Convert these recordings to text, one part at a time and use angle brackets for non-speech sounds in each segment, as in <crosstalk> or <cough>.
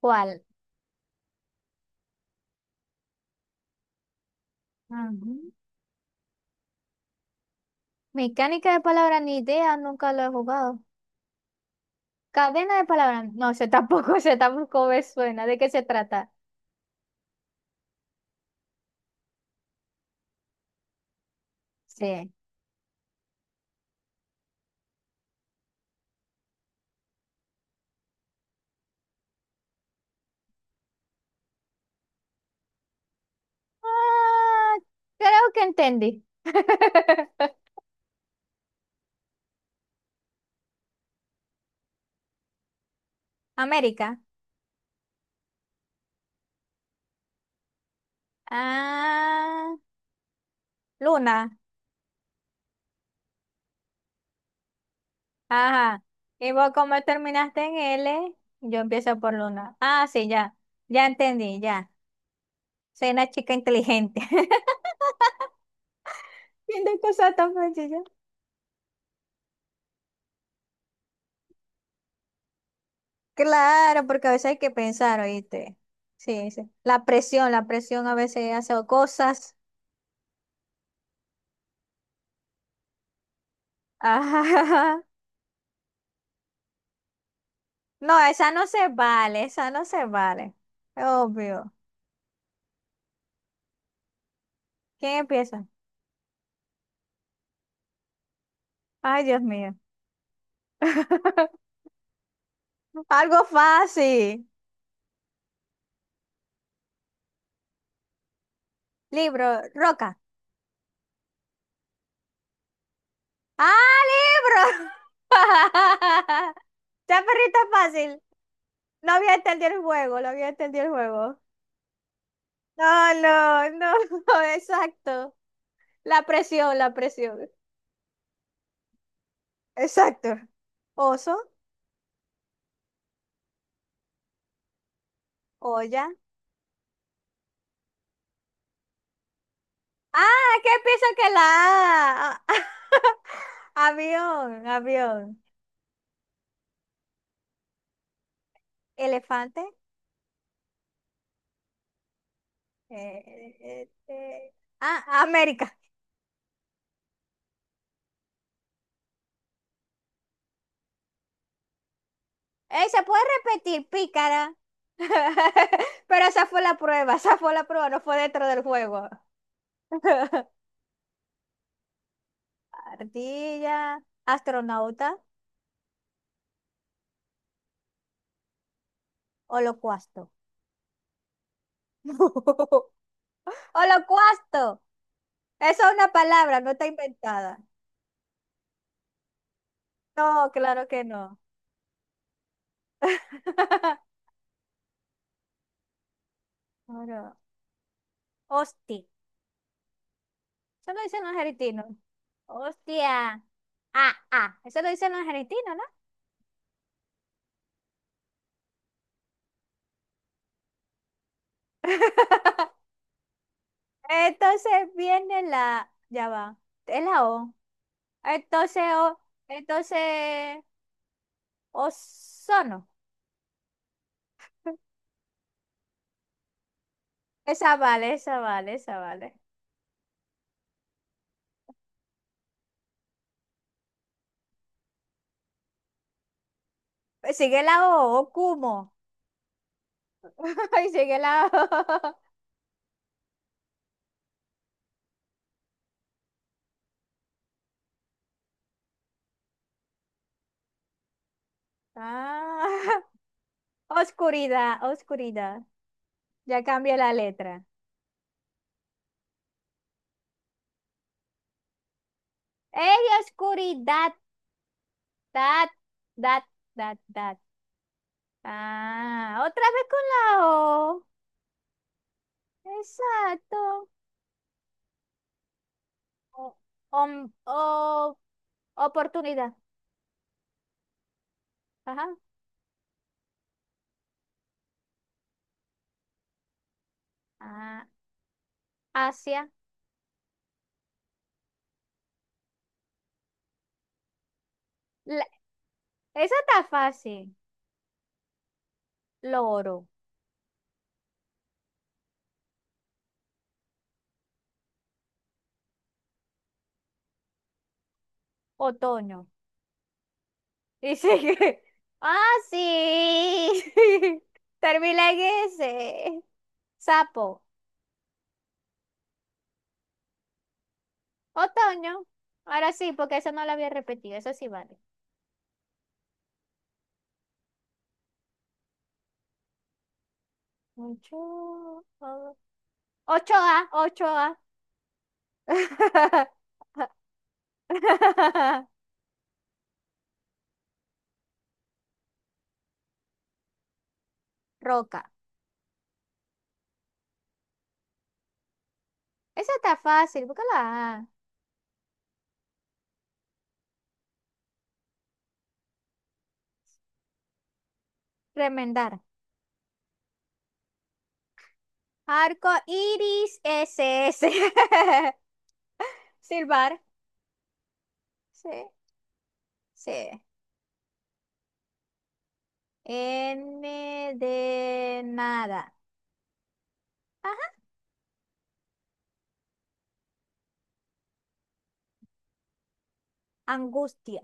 ¿Cuál? Ujú. Mecánica de palabras, ni idea, nunca lo he jugado. Cadena de palabras, no sé tampoco, <laughs> sé tampoco me suena. ¿De qué se trata? Sí. Ah, creo que entendí. <laughs> América. Ah, Luna. Ajá. Y vos como terminaste en L, yo empiezo por Luna. Ah, sí, ya. Ya entendí, ya. Soy una chica inteligente. <laughs> Viendo cosas tan sencillas. Claro, porque a veces hay que pensar, ¿oíste? Sí, sí. La presión a veces hace cosas. <laughs> Ajá. No, esa no se vale, esa no se vale. Obvio. ¿Quién empieza? Ay, Dios mío. <laughs> Algo fácil. Libro, roca. ¡Ah, libro! <laughs> Ya, perrito fácil. No había entendido el juego, no había entendido el juego. No, no, no, <laughs> exacto. La presión, la presión. Exacto. Oso, olla. Ah, ¿qué pienso que la A? Ah, <laughs> avión, avión. Elefante. eh, eh, eh, eh. Ah, América. Se puede repetir, pícara. <laughs> Pero esa fue la prueba, esa fue la prueba, no fue dentro del juego. <laughs> Ardilla, astronauta, holocausto. <laughs> Holocausto. Esa es una palabra, no está inventada. No, claro que no. <laughs> Oro. Hostia. Eso lo dicen los argentinos. Hostia. Ah, ah. Eso lo dicen los argentinos, ¿no? <laughs> Entonces viene la. Ya va. Es la O. Entonces, o, entonces, ozono. Esa vale, esa vale, esa vale. Sigue la O, Okumo. <laughs> Ay, sigue la O. Ah, <laughs> oscuridad, oscuridad. Ya cambié la letra. ¡Ey, oscuridad! That, that, that, that. Ah, otra vez con la O. Exacto. O, om- o- oportunidad. Ajá. Ah, Asia. La, esa está fácil. Loro. Otoño. <laughs> Y sigue. Ah, sí. <laughs> Termina en ese. Sapo. Otoño. Ahora sí, porque eso no lo había repetido. Eso sí vale. Ocho. o- ocho a ocho a <laughs> Roca. Esa está fácil, búscala. Remendar. Arco iris s s, <laughs> silbar. Sí, sí. N de nada. Ajá. Angustia.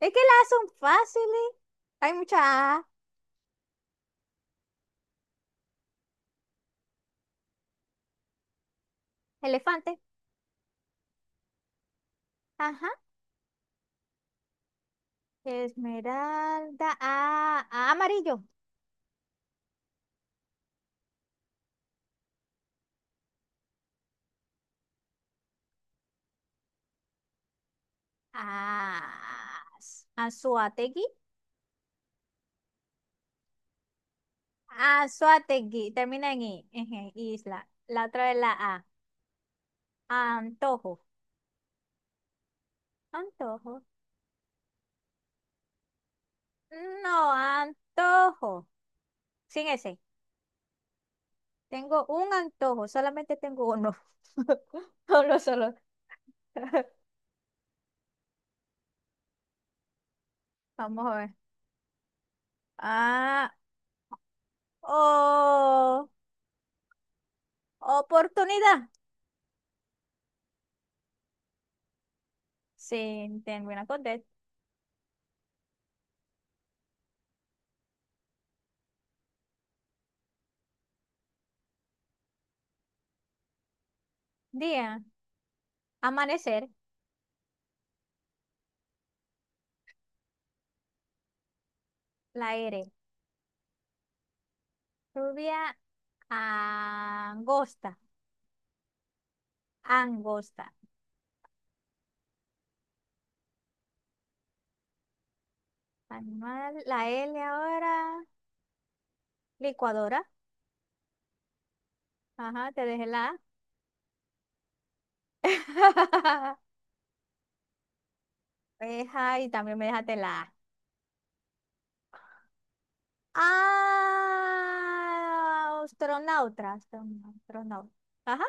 Es que las son fáciles. Hay mucha A. Elefante. Ajá. Esmeralda. A. A amarillo. A. Anzuategui. Ah, Suategui, termina en I, eje, isla. La otra es la A. Antojo. Antojo. No, antojo. Sin ese. Tengo un antojo, solamente tengo uno. <laughs> Solo solo. <laughs> Vamos a ver. Ah, o. Oportunidad. Sin termina con D. Día. Amanecer. La R. Lluvia angosta. Angosta. Animal. La L ahora. Licuadora. Ajá, te dejé la A. <laughs> Ajá, y también me dejaste la A. Ah, astronauta, astronauta, astronauta. Ajá,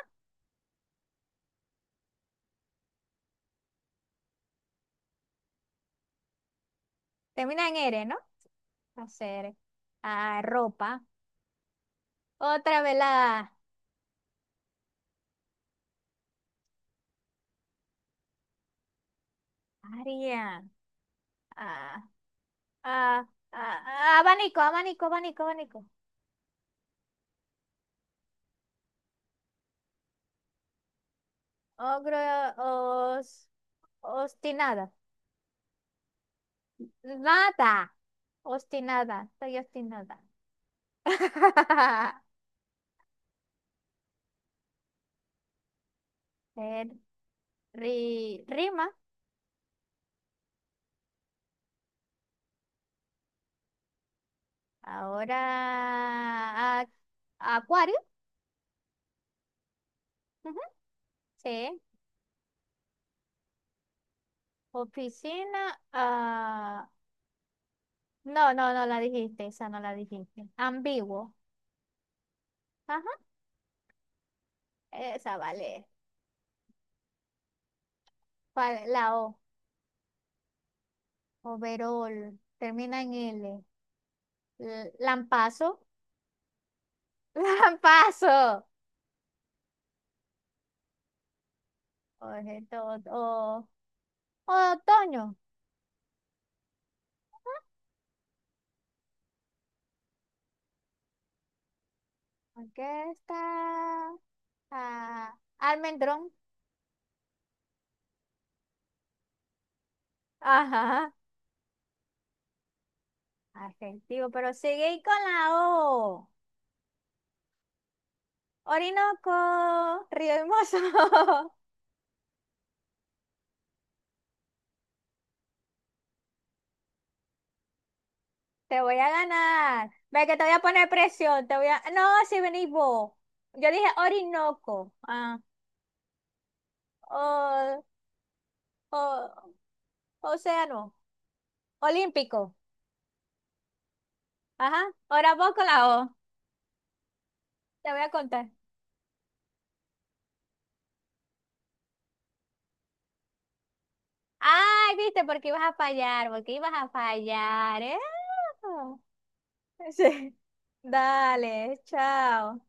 termina en R, ¿no? Hacer. Ah, ropa. Otra vez la A. Aria. Ah, ah, ah, abanico, abanico, abanico, abanico. Ogro, os, obstinada. Nada. Obstinada, estoy obstinada. <laughs> Eh, Rima. Ahora acuario. Ujú. Sí. Oficina. Ah, no, no, no la dijiste. Esa no la dijiste. Ambiguo. Ajá. Esa vale. ¿Cuál? La O. Overol. Termina en L. Lampazo. <laughs> Lampazo. Objeto. Otoño. Aquí está. Ah, almendrón. Ajá. Adjetivo, pero sigue ahí con la O. Orinoco, Río Hermoso. <laughs> Te voy a ganar. Ve que te voy a poner presión. Te voy a. No, si venís vos. Yo dije Orinoco. Ah, o, o, océano. Olímpico. Ajá. Ahora vos con la O. Te voy a contar. Ay, viste, porque ibas a fallar, porque ibas a fallar, ¿eh? <laughs> Sí. Dale, chao.